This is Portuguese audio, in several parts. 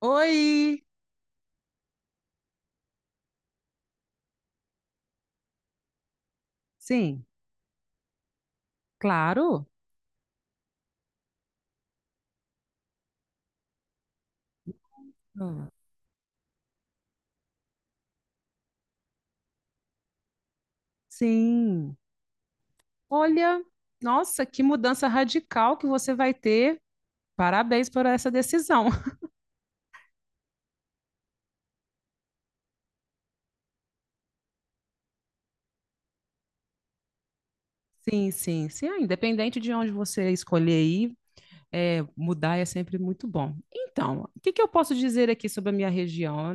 Oi, sim, claro. Ah, sim. Olha, nossa, que mudança radical que você vai ter. Parabéns por essa decisão. Sim, sim, sim. Ah, independente de onde você escolher ir, é, mudar é sempre muito bom. Então, o que que eu posso dizer aqui sobre a minha região?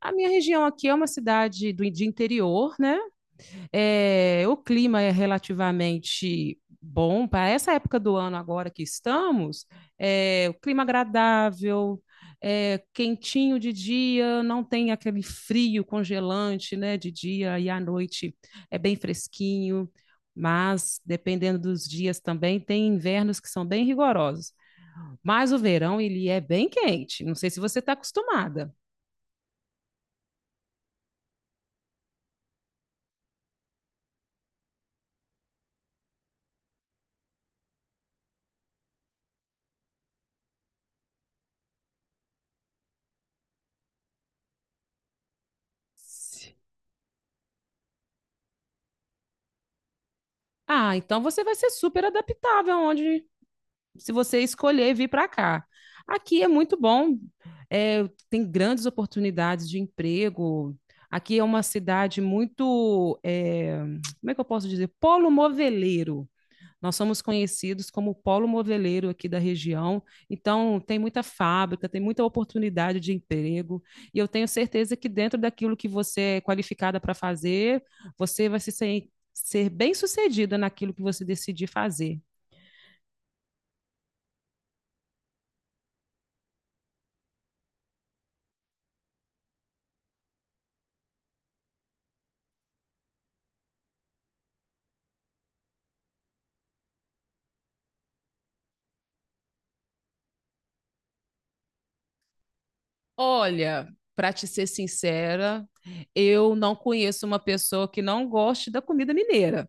A minha região aqui é uma cidade do, de interior, né? É, o clima é relativamente bom para essa época do ano agora que estamos. É, o clima agradável, é, quentinho de dia, não tem aquele frio congelante, né, de dia e à noite é bem fresquinho. Mas dependendo dos dias também tem invernos que são bem rigorosos. Mas o verão ele é bem quente. Não sei se você está acostumada. Ah, então você vai ser super adaptável onde se você escolher vir para cá. Aqui é muito bom, é, tem grandes oportunidades de emprego. Aqui é uma cidade muito, é, como é que eu posso dizer? Polo moveleiro. Nós somos conhecidos como polo moveleiro aqui da região, então tem muita fábrica, tem muita oportunidade de emprego, e eu tenho certeza que dentro daquilo que você é qualificada para fazer, você vai se ser, ser bem-sucedida naquilo que você decidir fazer. Olha, para te ser sincera, eu não conheço uma pessoa que não goste da comida mineira.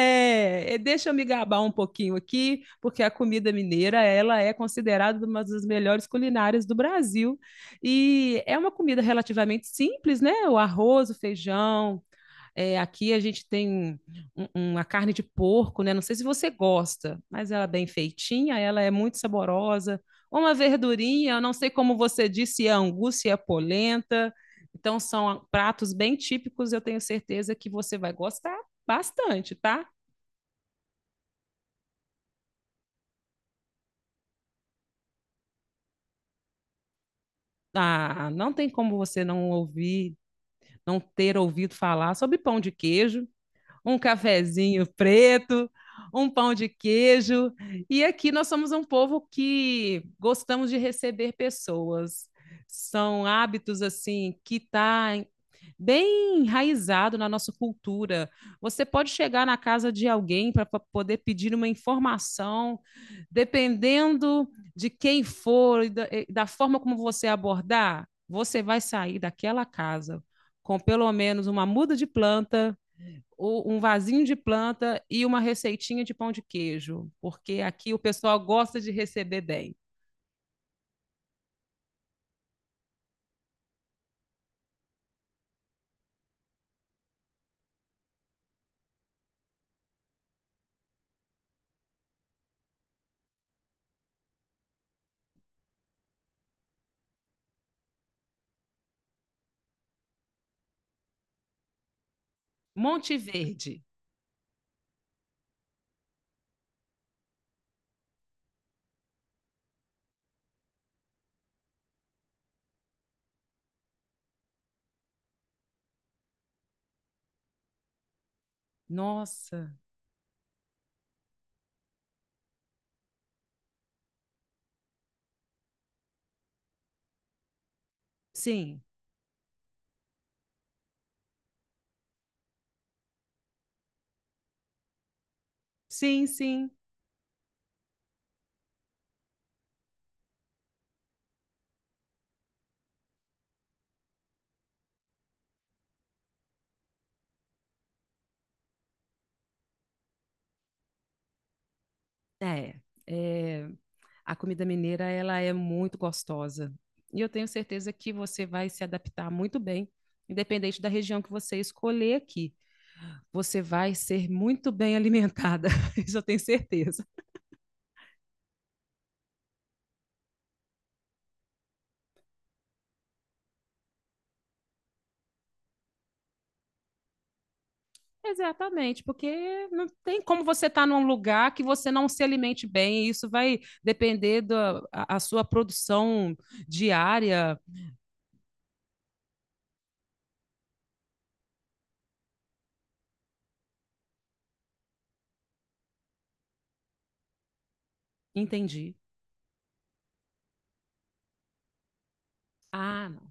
É, é, deixa eu me gabar um pouquinho aqui, porque a comida mineira, ela é considerada uma das melhores culinárias do Brasil. E é uma comida relativamente simples, né? O arroz, o feijão, é, aqui a gente tem um- uma carne de porco, né? Não sei se você gosta, mas ela é bem feitinha, ela é muito saborosa. Uma verdurinha, eu não sei como você disse, se é angu, se é polenta. Então, são pratos bem típicos, eu tenho certeza que você vai gostar bastante, tá? Ah, não tem como você não ouvir, não ter ouvido falar sobre pão de queijo. Um cafezinho preto, um pão de queijo. E aqui nós somos um povo que gostamos de receber pessoas. São hábitos assim que está bem enraizado na nossa cultura. Você pode chegar na casa de alguém para poder pedir uma informação, dependendo de quem for e da forma como você abordar, você vai sair daquela casa com pelo menos uma muda de planta, um vasinho de planta e uma receitinha de pão de queijo, porque aqui o pessoal gosta de receber bem. Monte Verde. Nossa, sim, sim, sim. É, é, a comida mineira ela é muito gostosa e eu tenho certeza que você vai se adaptar muito bem, independente da região que você escolher aqui. Você vai ser muito bem alimentada, isso eu tenho certeza. Exatamente, porque não tem como você estar num lugar que você não se alimente bem, e isso vai depender da a sua produção diária. Entendi. Ah, não.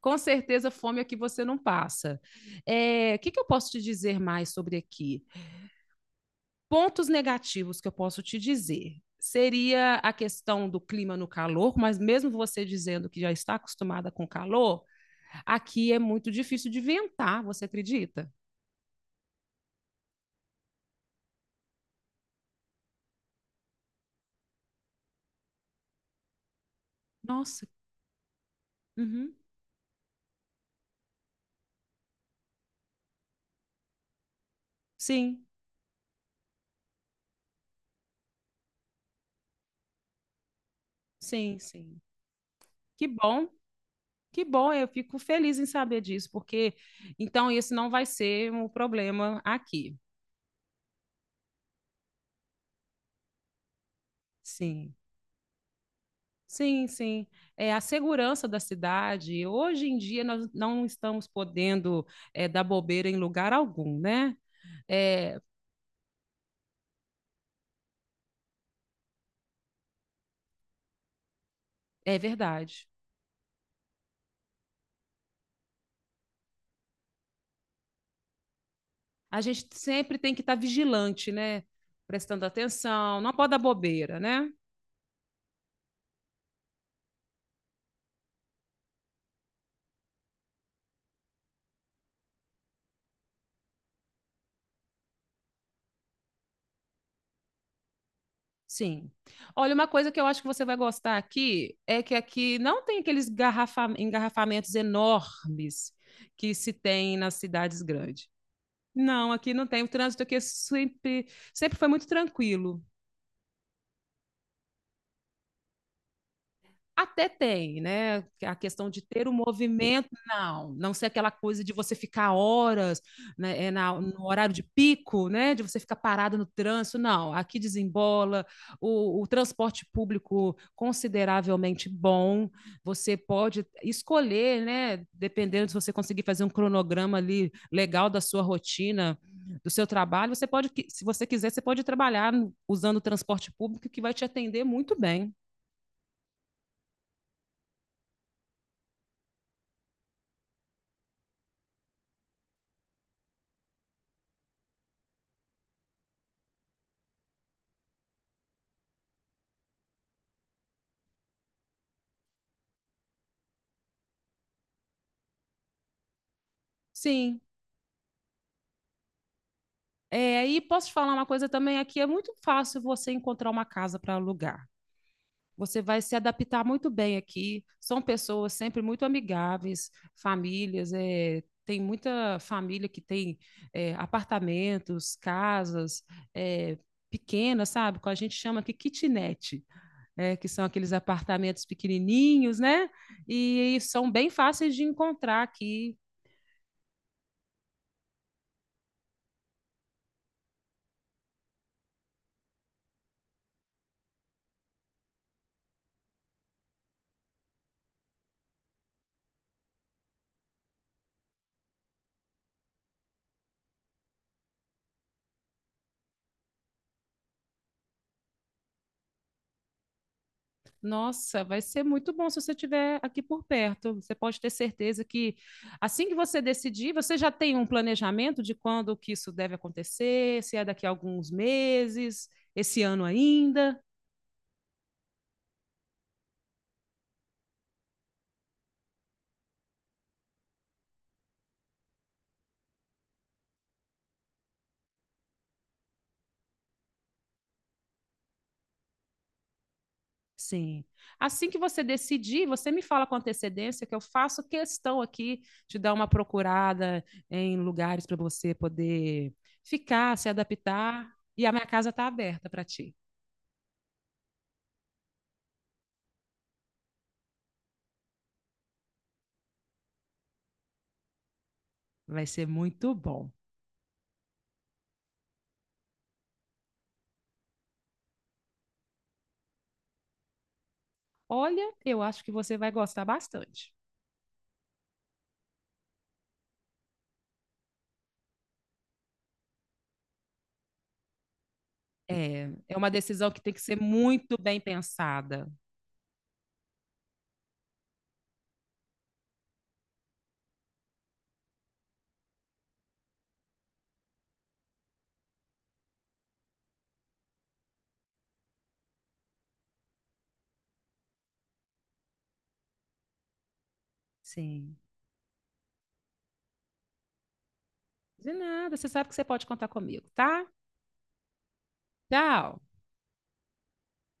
Com certeza, fome é que você não passa. É, o que, que eu posso te dizer mais sobre aqui? Pontos negativos que eu posso te dizer. Seria a questão do clima no calor, mas mesmo você dizendo que já está acostumada com calor, aqui é muito difícil de ventar, você acredita? Nossa, uhum. Sim, sim, sim. Que bom, que bom. Eu fico feliz em saber disso, porque então esse não vai ser um problema aqui. Sim, sim, sim. É a segurança da cidade. Hoje em dia nós não estamos podendo é, dar bobeira em lugar algum, né? É, é verdade. A gente sempre tem que estar vigilante, né? Prestando atenção. Não pode dar bobeira, né? Sim. Olha, uma coisa que eu acho que você vai gostar aqui é que aqui não tem aqueles engarrafamentos enormes que se tem nas cidades grandes. Não, aqui não tem. O trânsito aqui é sempre, sempre foi muito tranquilo. Até tem, né? A questão de ter o movimento, não. Não ser aquela coisa de você ficar horas, né? É na, no horário de pico, né? De você ficar parado no trânsito, não. Aqui desembola, o transporte público consideravelmente bom. Você pode escolher, né? Dependendo se você conseguir fazer um cronograma ali legal da sua rotina, do seu trabalho, você pode, se você quiser, você pode trabalhar usando o transporte público que vai te atender muito bem. Sim, é, e posso te falar uma coisa também aqui, é muito fácil você encontrar uma casa para alugar. Você vai se adaptar muito bem aqui. São pessoas sempre muito amigáveis, famílias, é, tem muita família que tem é, apartamentos, casas, é, pequenas, sabe? Que a gente chama aqui kitnet, é, que são aqueles apartamentos pequenininhos, né? E são bem fáceis de encontrar aqui. Nossa, vai ser muito bom se você estiver aqui por perto. Você pode ter certeza que assim que você decidir, você já tem um planejamento de quando que isso deve acontecer, se é daqui a alguns meses, esse ano ainda. Sim. Assim que você decidir, você me fala com antecedência que eu faço questão aqui de dar uma procurada em lugares para você poder ficar, se adaptar, e a minha casa está aberta para ti. Vai ser muito bom. Olha, eu acho que você vai gostar bastante. É, é uma decisão que tem que ser muito bem pensada. Sim. De nada, você sabe que você pode contar comigo, tá? Tchau.